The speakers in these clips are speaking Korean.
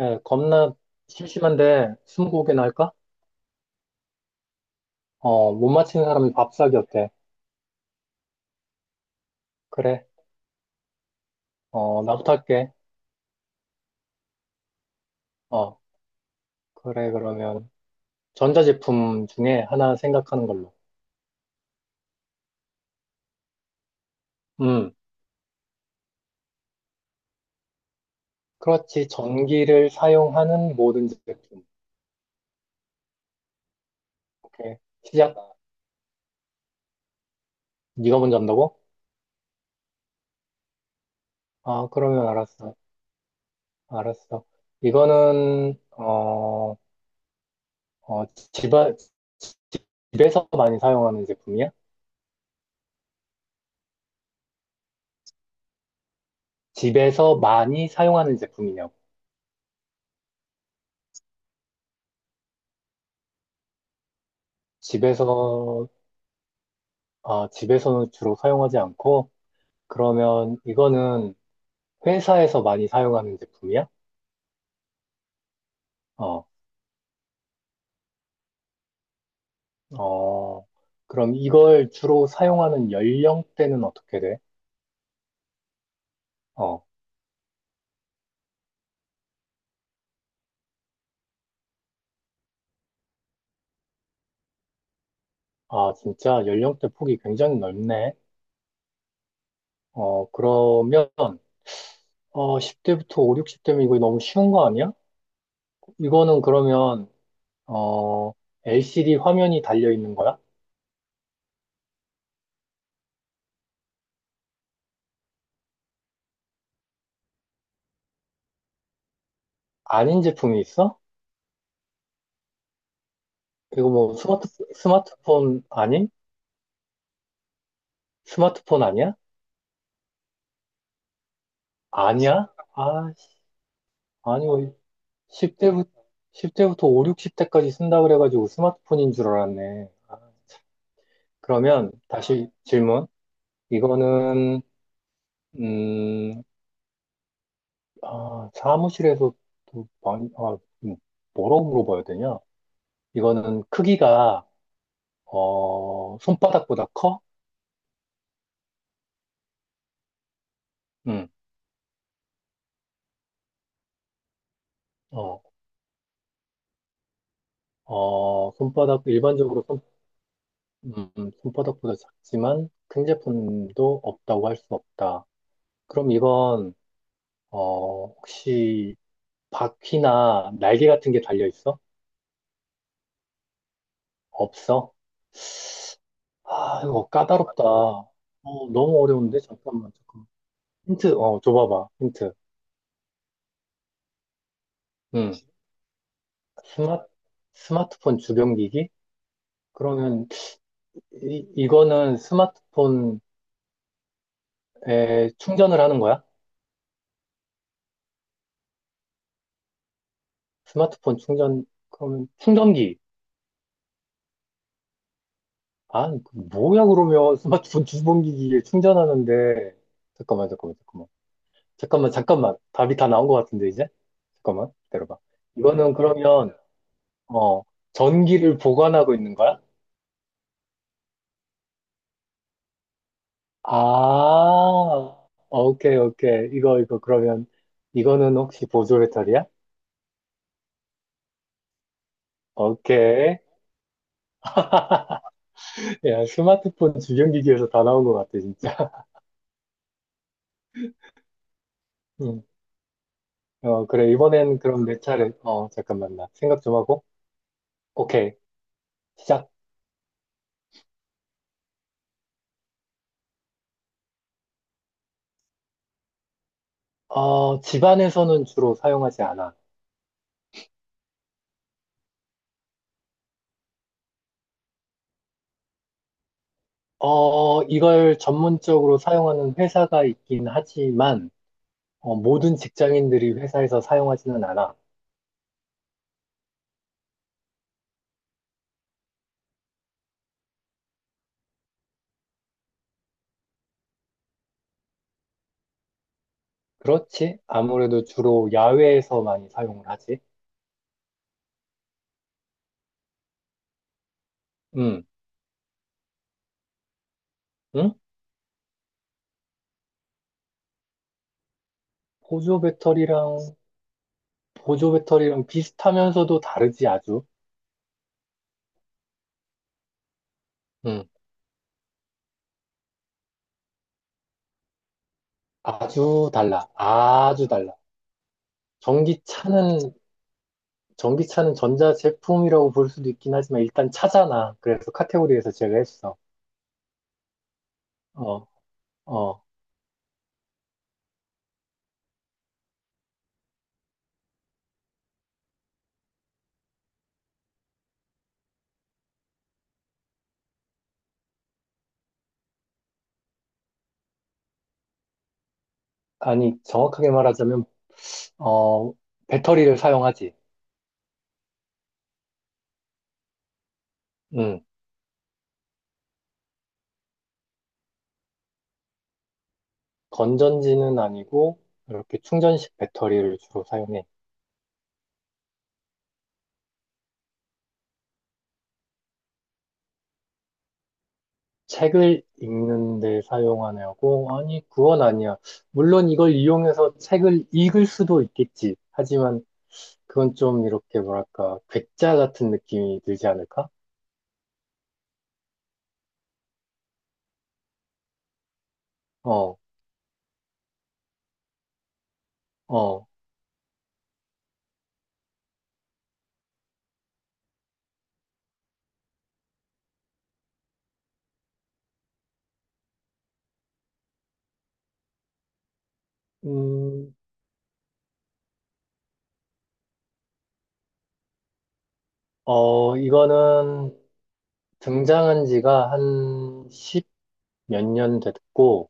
예, 겁나 심심한데 스무고개나 할까? 어, 못 맞히는 사람이 밥 사기 어때? 그래. 어, 나부터 할게. 어, 그래. 그러면 전자제품 중에 하나 생각하는 걸로. 음, 그렇지. 전기를 사용하는 모든 제품. 오케이. 시작. 네가 먼저 한다고? 아, 그러면 알았어. 알았어. 이거는 어, 어, 집안 집에서 많이 사용하는 제품이야? 집에서 많이 사용하는 제품이냐고. 집에서 집에서는 주로 사용하지 않고, 그러면 이거는 회사에서 많이 사용하는 제품이야? 어, 어, 그럼 이걸 주로 사용하는 연령대는 어떻게 돼? 어, 아, 진짜 연령대 폭이 굉장히 넓네. 어, 그러면, 어, 10대부터 5, 60대면 이거 너무 쉬운 거 아니야? 이거는 그러면, 어, LCD 화면이 달려 있는 거야? 아닌 제품이 있어? 이거 뭐 스마트폰 아닌? 스마트폰 아니야? 아니야? 아, 씨. 아니, 10대부터, 십0대부터오 60대까지 쓴다 그래가지고 스마트폰인 줄 알았네. 아, 그러면 다시 질문. 이거는, 음, 아, 사무실에서 또 많이, 아, 음, 뭐라고 물어봐야 되냐? 이거는 크기가, 어, 손바닥보다 커? 응. 어, 어, 손바닥, 일반적으로 손, 손바닥보다 작지만 큰 제품도 없다고 할 수 없다. 그럼 이건, 어, 혹시 바퀴나 날개 같은 게 달려 있어? 없어? 아, 이거 까다롭다. 어, 너무 어려운데? 잠깐만, 잠깐만. 힌트, 어, 줘봐봐, 힌트. 응. 스마, 스마트폰 주변기기? 그러면, 이거는 스마트폰에 충전을 하는 거야? 스마트폰 충전, 그러면 충전기. 아, 뭐야, 그러면 스마트폰 주변기기에 충전하는데. 잠깐만, 잠깐만, 잠깐만. 잠깐만, 잠깐만. 답이 다 나온 것 같은데, 이제? 잠깐만, 기다려봐. 이거는 그러면, 어, 전기를 보관하고 있는 거야? 아, 어, 오케이, 오케이. 그러면, 이거는 혹시 보조 배터리야? 오케이. 야, 스마트폰 주변기기에서 다 나온 것 같아, 진짜. 음. 어, 그래. 이번엔 그럼 내 차례. 어, 잠깐만, 나 생각 좀 하고. 오케이. 시작. 어, 집안에서는 주로 사용하지 않아. 어, 이걸 전문적으로 사용하는 회사가 있긴 하지만, 어, 모든 직장인들이 회사에서 사용하지는 않아. 그렇지? 아무래도 주로 야외에서 많이 사용을 하지. 음, 응? 보조 배터리랑, 비슷하면서도 다르지, 아주. 음, 아주 달라. 아주 달라. 전기차는, 전기차는 전자 제품이라고 볼 수도 있긴 하지만, 일단 차잖아. 그래서 카테고리에서 제외했어. 어, 어. 아니, 정확하게 말하자면 어, 배터리를 사용하지. 음, 건전지는 아니고, 이렇게 충전식 배터리를 주로 사용해. 책을 읽는데 사용하냐고? 아니, 그건 아니야. 물론 이걸 이용해서 책을 읽을 수도 있겠지. 하지만 그건 좀 이렇게 뭐랄까, 괴짜 같은 느낌이 들지 않을까? 어, 어, 음, 어, 이거는 등장한 지가 한 십 몇 년 됐고,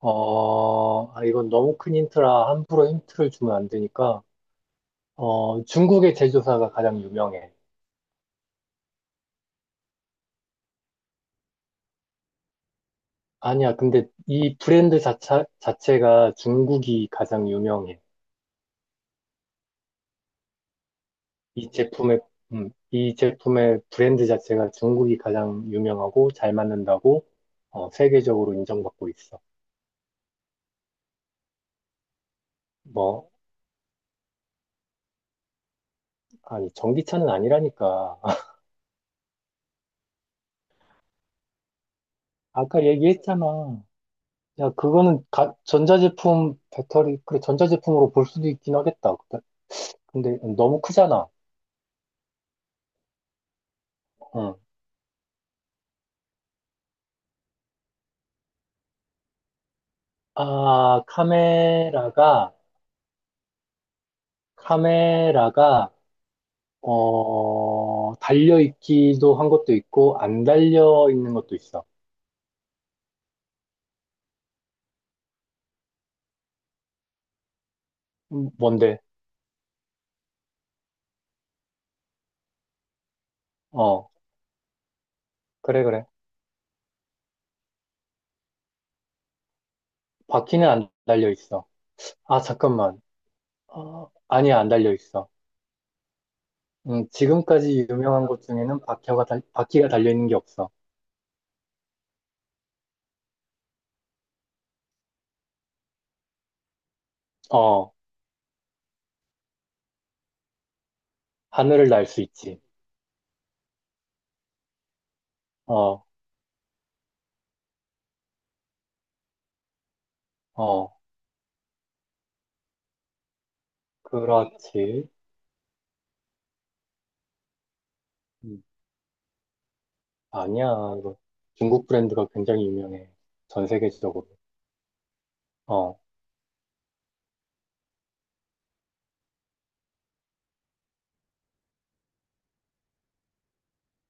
어, 아, 이건 너무 큰 힌트라 함부로 힌트를 주면 안 되니까, 어, 중국의 제조사가 가장 유명해. 아니야, 근데 이 브랜드 자체가 중국이 가장 유명해. 이 제품의, 이 제품의 브랜드 자체가 중국이 가장 유명하고 잘 맞는다고, 어, 세계적으로 인정받고 있어. 뭐, 아니, 전기차는 아니라니까. 아까 얘기했잖아. 야, 그거는 전자제품, 배터리, 그래, 전자제품으로 볼 수도 있긴 하겠다. 근데 너무 크잖아. 어. 아, 카메라가, 어, 달려있기도 한 것도 있고, 안 달려있는 것도 있어. 뭔데? 어, 그래, 그래. 바퀴는 안 달려있어. 아, 잠깐만. 어, 아니야, 안 달려있어. 지금까지 유명한 것 중에는 바퀴가 달려있는 게 없어. 어, 하늘을 날 수 있지. 어, 어, 그렇지. 음. 아니야. 이거 중국 브랜드가 굉장히 유명해. 전 세계적으로. 어.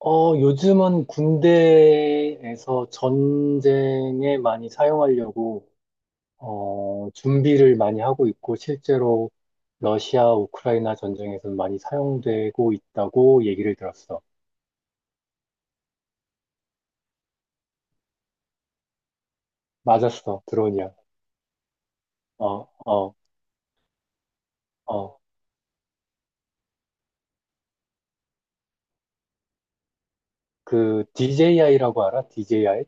어, 요즘은 군대에서 전쟁에 많이 사용하려고 어, 준비를 많이 하고 있고 실제로 러시아 우크라이나 전쟁에서 많이 사용되고 있다고 얘기를 들었어. 맞았어. 드론이야. 어, 어, 어. 그 DJI라고 알아? DJI?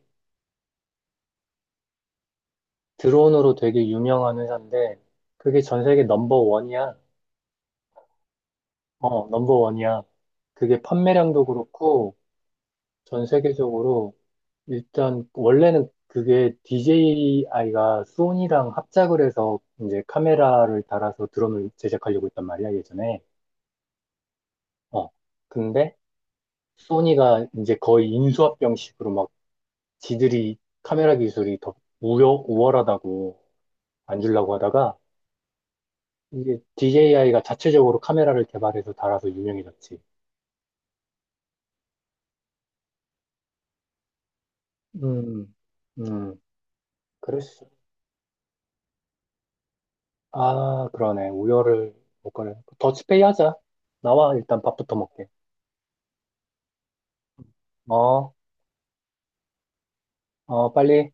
드론으로 되게 유명한 회사인데 그게 전 세계 넘버 원이야. 어, 넘버원이야. 그게 판매량도 그렇고, 전 세계적으로, 일단, 원래는 그게 DJI가 소니랑 합작을 해서 이제 카메라를 달아서 드럼을 제작하려고 했단 말이야, 예전에. 어. 근데, 소니가 이제 거의 인수합병식으로 막 지들이 카메라 기술이 더 우월하다고 안 주려고 하다가, 이게 DJI가 자체적으로 카메라를 개발해서 달아서 유명해졌지. 음, 음, 그랬어. 아, 그러네. 우열을 못 가려. 더치페이 하자. 나와, 일단 밥부터 먹게. 어, 어, 빨리.